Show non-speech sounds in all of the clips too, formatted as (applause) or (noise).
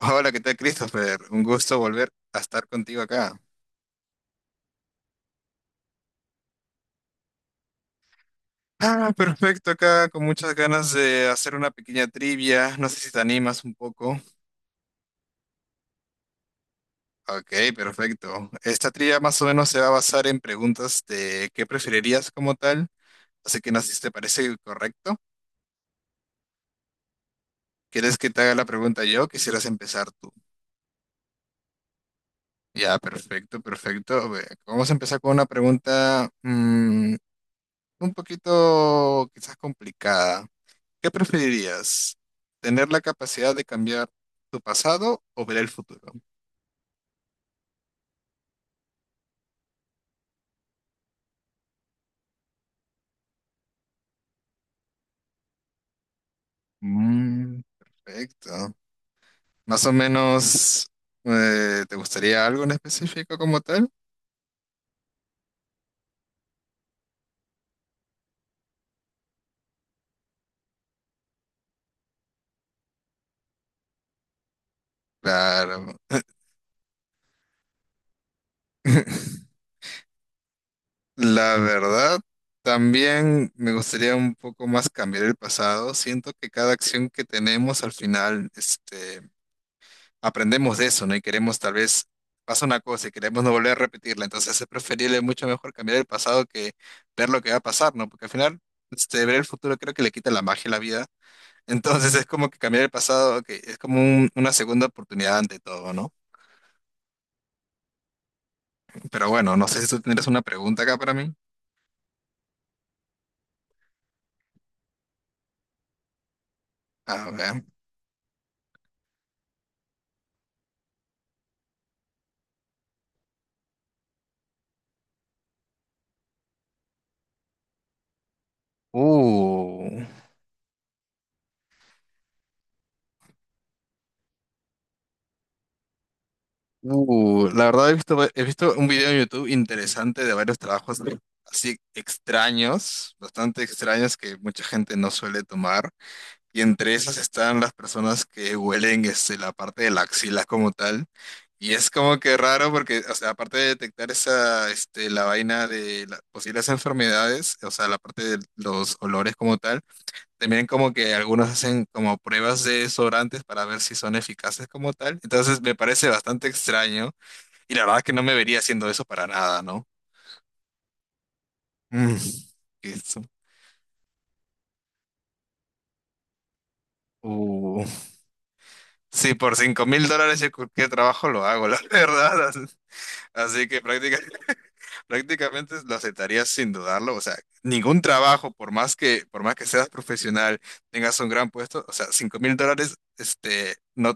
Hola, ¿qué tal, Christopher? Un gusto volver a estar contigo acá. Ah, perfecto, acá con muchas ganas de hacer una pequeña trivia. No sé si te animas un poco. Ok, perfecto. Esta trivia más o menos se va a basar en preguntas de qué preferirías como tal. Así que no sé si te parece correcto. ¿Quieres que te haga la pregunta yo? ¿Quisieras empezar tú? Ya, perfecto, perfecto. A ver, vamos a empezar con una pregunta un poquito quizás complicada. ¿Qué preferirías? ¿Tener la capacidad de cambiar tu pasado o ver el futuro? Mm, perfecto. Más o menos, ¿te gustaría algo en específico como tal? Claro. (laughs) La verdad, también me gustaría un poco más cambiar el pasado. Siento que cada acción que tenemos al final, aprendemos de eso, ¿no? Y queremos tal vez pasa una cosa y queremos no volver a repetirla. Entonces es preferible mucho mejor cambiar el pasado que ver lo que va a pasar, ¿no? Porque al final, ver el futuro creo que le quita la magia a la vida. (laughs) Entonces es como que cambiar el pasado, que es como una segunda oportunidad ante todo, ¿no? Pero bueno, no sé si tú tendrás una pregunta acá para mí. A ver. Uh, la verdad he visto, he visto un video en YouTube interesante de varios trabajos así extraños, bastante extraños que mucha gente no suele tomar. Y entre esas están las personas que huelen la parte de la axila como tal. Y es como que raro porque, o sea, aparte de detectar esa, la vaina de las posibles enfermedades, o sea, la parte de los olores como tal, también como que algunos hacen como pruebas de desodorantes para ver si son eficaces como tal. Entonces me parece bastante extraño y la verdad es que no me vería haciendo eso para nada, ¿no? Mm, eso. Uh, sí, por $5.000 yo cualquier trabajo lo hago, la (laughs) verdad. Así que (laughs) prácticamente lo aceptarías sin dudarlo. O sea, ningún trabajo, por más que seas profesional, tengas un gran puesto, o sea, $5.000, no,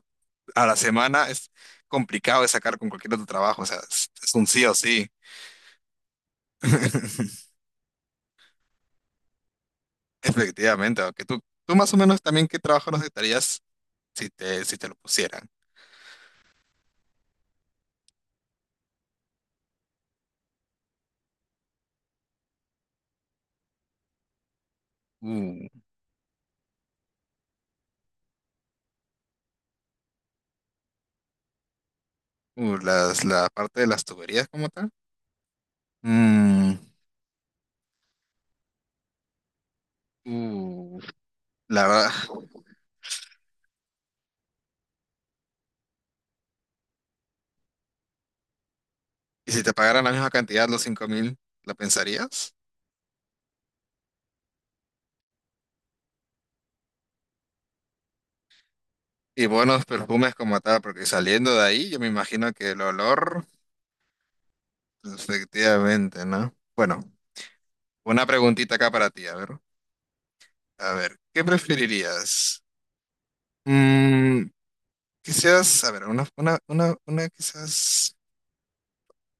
a la semana es complicado de sacar con cualquier otro trabajo. O sea, es un sí o sí. (laughs) Efectivamente, aunque tú más o menos también qué trabajo no aceptarías si te lo pusieran. Uh, la parte de las tuberías como tal. Mm, uh, la verdad. Y si te pagaran la misma cantidad, los 5.000, ¿lo pensarías? Y buenos perfumes como tal, porque saliendo de ahí, yo me imagino que el olor, efectivamente, ¿no? Bueno, una preguntita acá para ti, a ver. A ver, ¿qué preferirías? Mm, quizás, a ver, una quizás,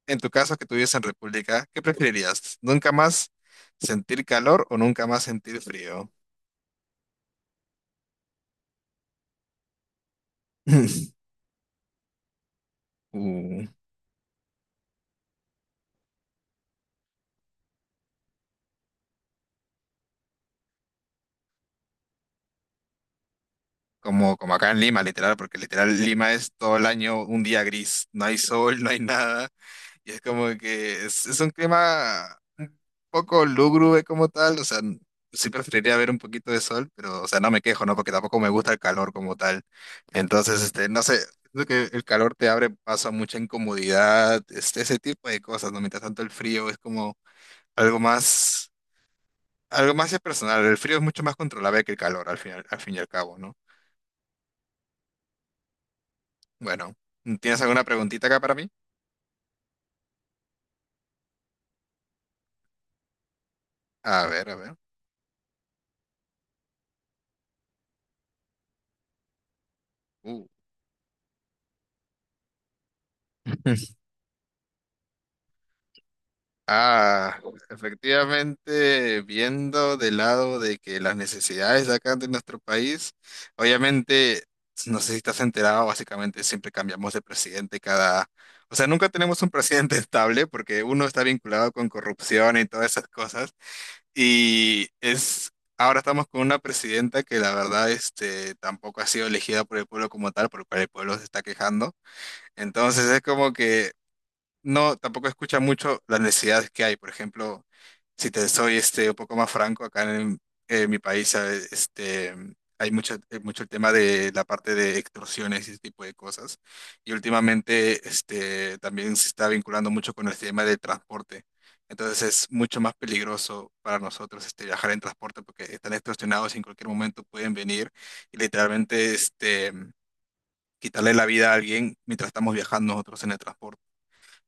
en tu caso que tú vives en República, ¿qué preferirías? ¿Nunca más sentir calor o nunca más sentir frío? (laughs) Uh. Como, acá en Lima, literal, porque literal Lima es todo el año un día gris, no hay sol, (laughs) no hay nada, y es como que es un clima un poco lúgubre como tal, o sea, sí preferiría ver un poquito de sol, pero, o sea, no me quejo, ¿no? Porque tampoco me gusta el calor como tal. Entonces, no sé, creo que el calor te abre paso a mucha incomodidad, ese tipo de cosas, ¿no? Mientras tanto el frío es como algo más, algo más personal, el frío es mucho más controlable que el calor al final, al fin y al cabo, ¿no? Bueno, ¿tienes alguna preguntita acá para mí? A ver, a ver. Uh, (laughs) Ah, efectivamente, viendo del lado de que las necesidades de acá de nuestro país, obviamente, no sé si estás enterado, básicamente siempre cambiamos de presidente cada, o sea, nunca tenemos un presidente (laughs) estable porque uno está vinculado con corrupción y todas esas cosas. Y es, ahora estamos con una presidenta que la verdad, tampoco ha sido elegida por el pueblo como tal, por lo cual el pueblo se está quejando. Entonces es como que no, tampoco escucha mucho las necesidades que hay. Por ejemplo, si te soy un poco más franco, acá en mi país, ¿sabes? Hay mucho el tema de la parte de extorsiones y ese tipo de cosas. Y últimamente también se está vinculando mucho con el tema del transporte. Entonces es mucho más peligroso para nosotros viajar en transporte porque están extorsionados y en cualquier momento pueden venir y literalmente quitarle la vida a alguien mientras estamos viajando nosotros en el transporte.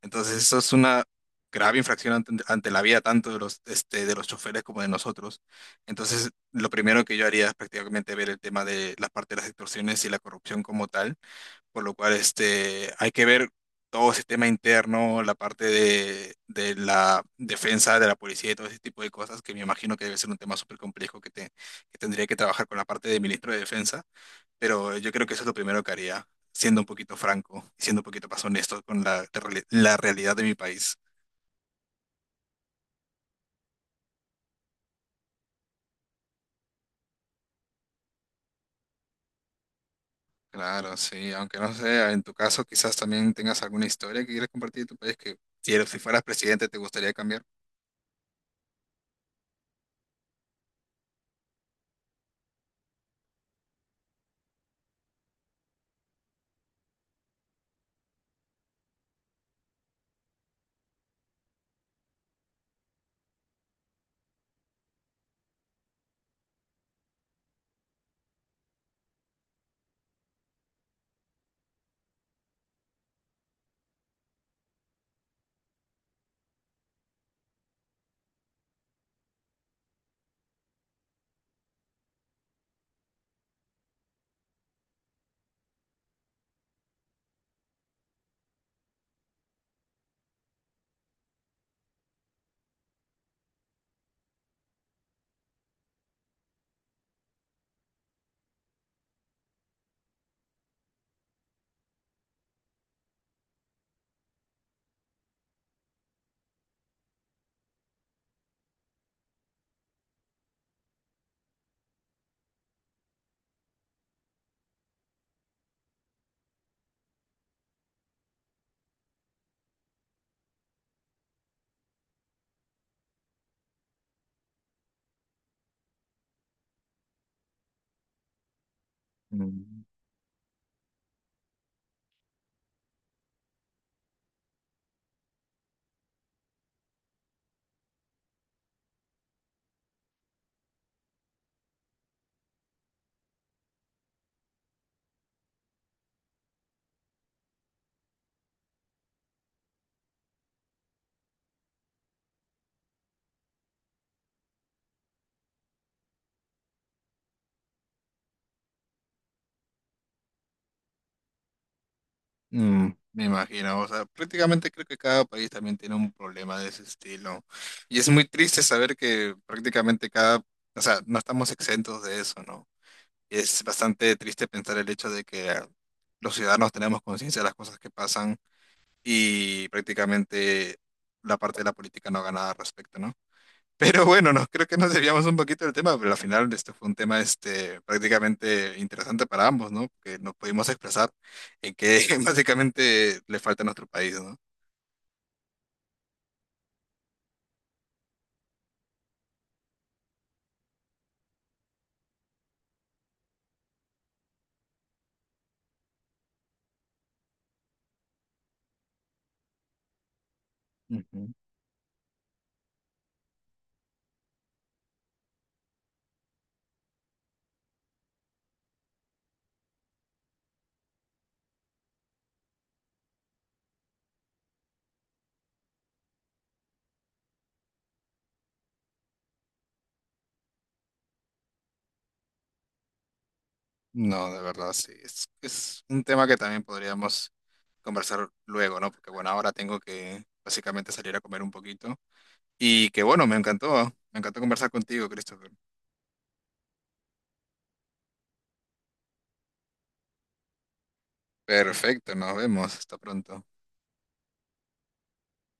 Entonces, eso es una grave infracción ante la vida tanto de los choferes como de nosotros. Entonces, lo primero que yo haría es prácticamente ver el tema de la parte de las extorsiones y la corrupción como tal, por lo cual hay que ver todo el sistema interno, la parte de la defensa de la policía y todo ese tipo de cosas, que me imagino que debe ser un tema súper complejo que tendría que trabajar con la parte del ministro de Defensa, pero yo creo que eso es lo primero que haría, siendo un poquito franco y siendo un poquito más honesto con la realidad de mi país. Claro, sí, aunque no sé, en tu caso quizás también tengas alguna historia que quieras compartir de tu país que si fueras presidente te gustaría cambiar. Mm. Me imagino, o sea, prácticamente creo que cada país también tiene un problema de ese estilo. Y es muy triste saber que prácticamente cada, o sea, no estamos exentos de eso, ¿no? Es bastante triste pensar el hecho de que los ciudadanos tenemos conciencia de las cosas que pasan y prácticamente la parte de la política no haga nada al respecto, ¿no? (laughs) Pero bueno, no, creo que nos desviamos un poquito del tema, pero al final este fue un tema prácticamente interesante para ambos, ¿no? Que nos pudimos expresar en qué (laughs) básicamente le falta a nuestro país, ¿no? Ujú. No, de verdad, sí. Es un tema que también podríamos conversar luego, ¿no? Porque bueno, ahora tengo que básicamente salir a comer un poquito. Y que bueno, me encantó conversar contigo, Christopher. Perfecto, nos vemos, hasta pronto.